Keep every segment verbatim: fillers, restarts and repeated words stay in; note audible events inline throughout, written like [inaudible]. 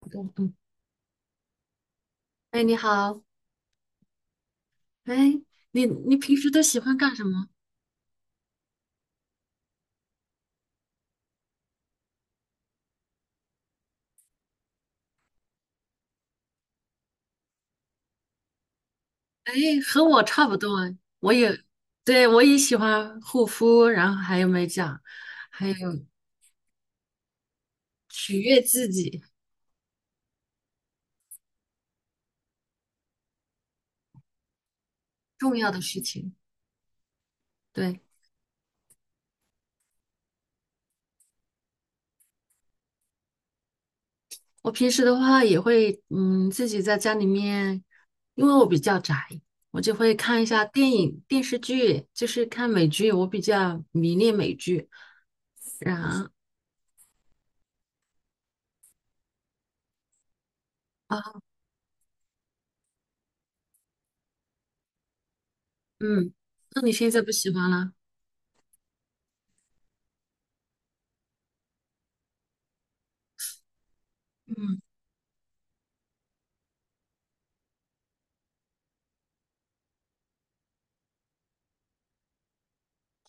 嗯嗯，哎，你好。哎，你你平时都喜欢干什么？哎，和我差不多，我也，对，我也喜欢护肤，然后还有美甲，还有取悦自己重要的事情。对，我平时的话也会，嗯，自己在家里面，因为我比较宅，我就会看一下电影、电视剧，就是看美剧，我比较迷恋美剧。然啊，嗯，那你现在不喜欢了？嗯。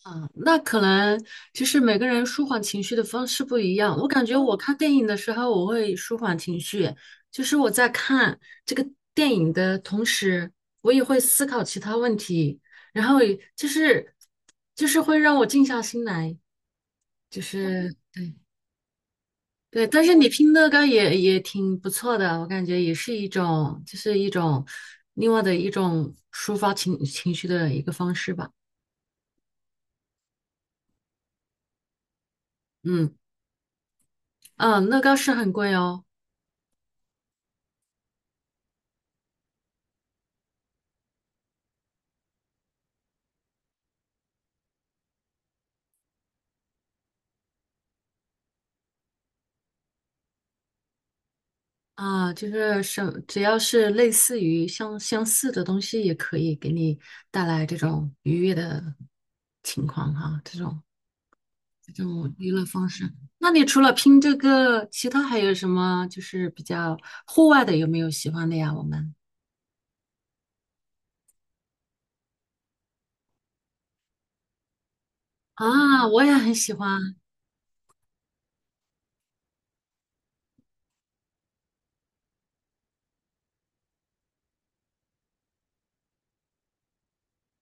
嗯，那可能其实每个人舒缓情绪的方式不一样。我感觉我看电影的时候，我会舒缓情绪，就是我在看这个电影的同时，我也会思考其他问题，然后也就是就是会让我静下心来，就是对对。但是你拼乐高也也挺不错的，我感觉也是一种就是一种另外的一种抒发情情绪的一个方式吧。嗯嗯，乐高是很贵哦。啊，就是什，只要是类似于相相似的东西，也可以给你带来这种愉悦的情况哈，这种这种娱乐方式。那你除了拼这个，其他还有什么就是比较户外的，有没有喜欢的呀？我们啊，我也很喜欢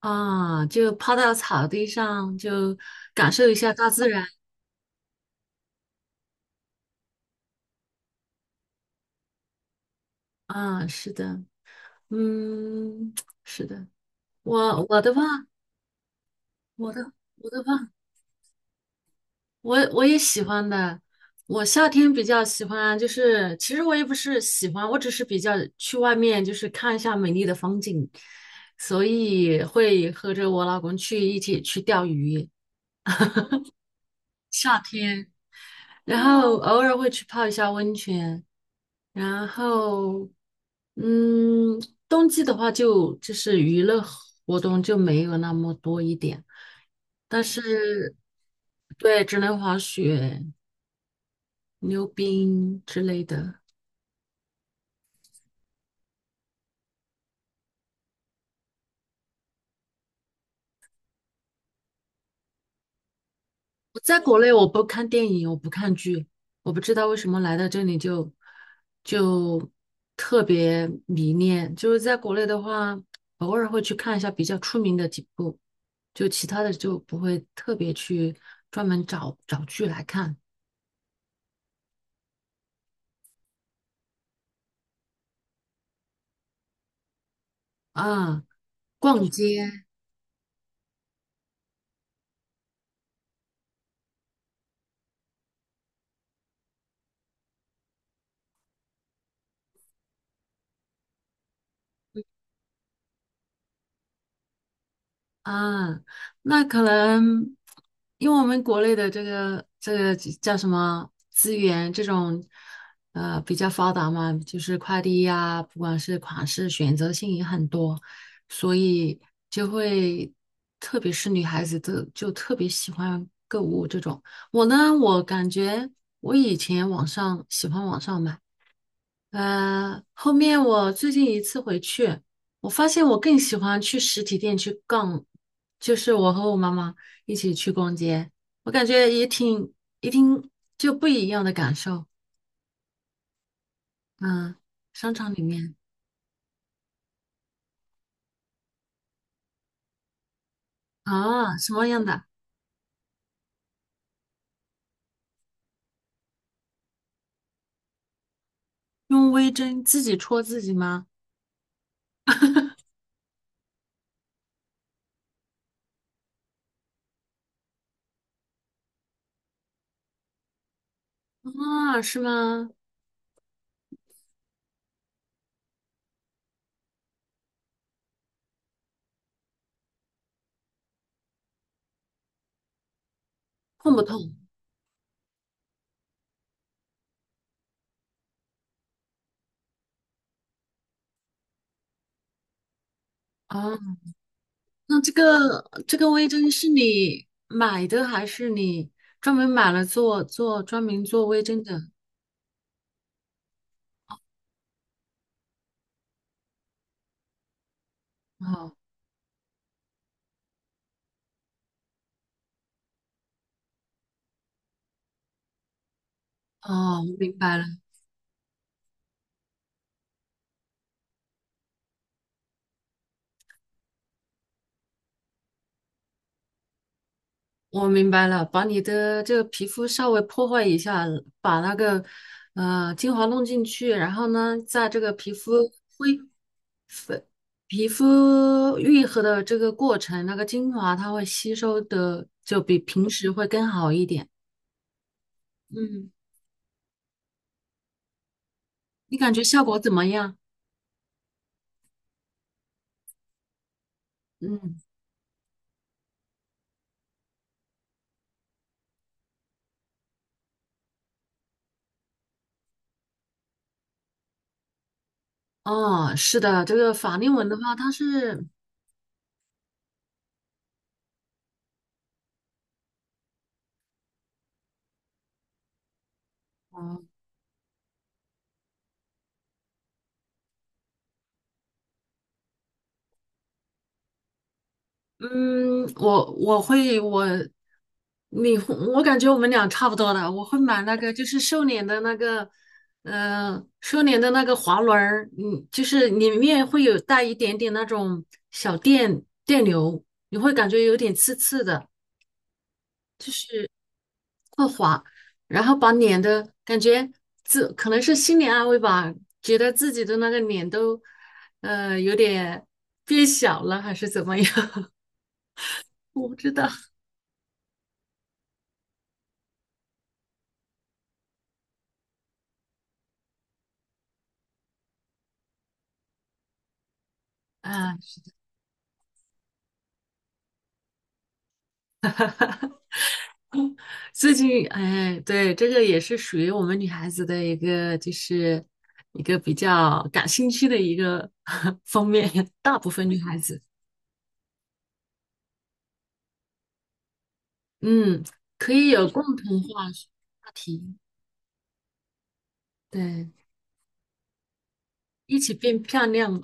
啊，就趴到草地上，就感受一下大自然。啊，是的，嗯，[tsk] 是的，我我的话，我的我的话。我我也喜欢的，我夏天比较喜欢，就是其实我也不是喜欢，我只是比较去外面就是看一下美丽的风景，所以会和着我老公去一起去钓鱼，夏天，然后偶尔会去泡一下温泉，然后嗯，冬季的话就就是娱乐活动就没有那么多一点，但是对，只能滑雪、溜冰之类的。我在国内我不看电影，我不看剧，我不知道为什么来到这里就就特别迷恋。就是在国内的话，偶尔会去看一下比较出名的几部，就其他的就不会特别去专门找找剧来看啊。逛街，啊，那可能因为我们国内的这个这个叫什么资源这种，呃，比较发达嘛，就是快递呀、不管是款式选择性也很多，所以就会，特别是女孩子的就特别喜欢购物这种。我呢，我感觉我以前网上喜欢网上买。呃，后面我最近一次回去，我发现我更喜欢去实体店去逛，就是我和我妈妈一起去逛街，我感觉也挺一听就不一样的感受。嗯，商场里面啊，什么样的？用微针自己戳自己吗？[laughs] 啊，是吗？痛不痛？啊，那这个这个微针是你买的还是你专门买了做做专门做微针的？哦。哦，我明白了，我明白了，把你的这个皮肤稍微破坏一下，把那个呃精华弄进去，然后呢，在这个皮肤恢皮肤愈合的这个过程，那个精华它会吸收的就比平时会更好一点。嗯，你感觉效果怎么样？嗯，哦，是的，这个法令纹的话，它是。哦。嗯，我我会我，你会我感觉我们俩差不多的，我会买那个就是瘦脸的那个，呃，瘦脸的那个滑轮儿，嗯，就是里面会有带一点点那种小电电流，你会感觉有点刺刺的，就是滑，然后把脸的感觉自可能是心理安慰吧，觉得自己的那个脸都，呃，有点变小了还是怎么样，[laughs] 我不知道啊。最近，哎，对，这个也是属于我们女孩子的一个，就是一个比较感兴趣的一个 [laughs] 方面。大部分女孩子，嗯，可以有共同话话题，对，一起变漂亮，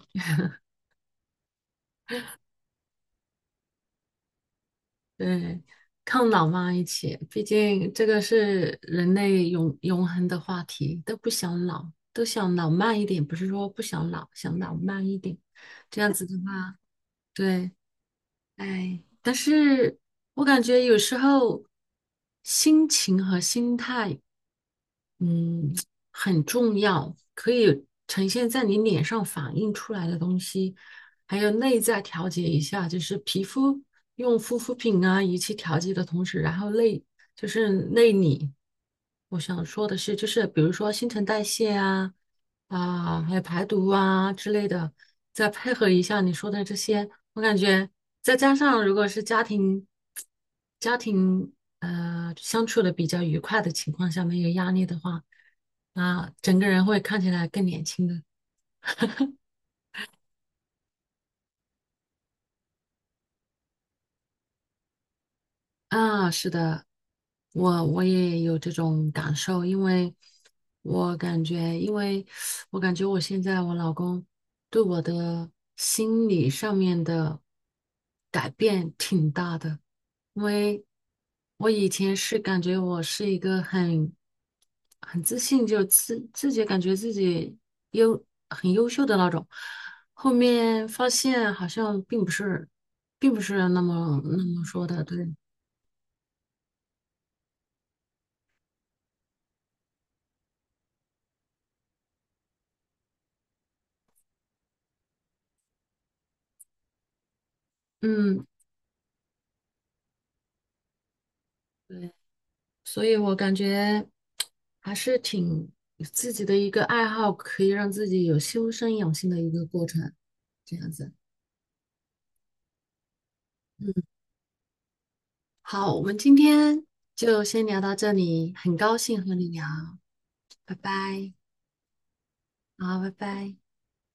对，抗老嘛，一起。毕竟这个是人类永永恒的话题，都不想老，都想老慢一点，不是说不想老，想老慢一点。这样子的话，对。哎，但是我感觉有时候心情和心态，嗯，很重要，可以呈现在你脸上反映出来的东西，还有内在调节一下，就是皮肤用护肤品啊仪器调节的同时，然后内就是内里，我想说的是，就是比如说新陈代谢啊。啊，还有排毒啊之类的，再配合一下你说的这些，我感觉再加上如果是家庭家庭呃相处的比较愉快的情况下，没有压力的话，啊，整个人会看起来更年轻的。啊，是的，我我也有这种感受，因为我感觉，因为我感觉我现在我老公对我的心理上面的改变挺大的，因为我以前是感觉我是一个很很自信，就自自己感觉自己优很优秀的那种，后面发现好像并不是，并不是那么那么说的，对。嗯，对，所以我感觉还是挺自己的一个爱好，可以让自己有修身养性的一个过程，这样子。嗯，好，我们今天就先聊到这里，很高兴和你聊，拜拜，好，拜拜。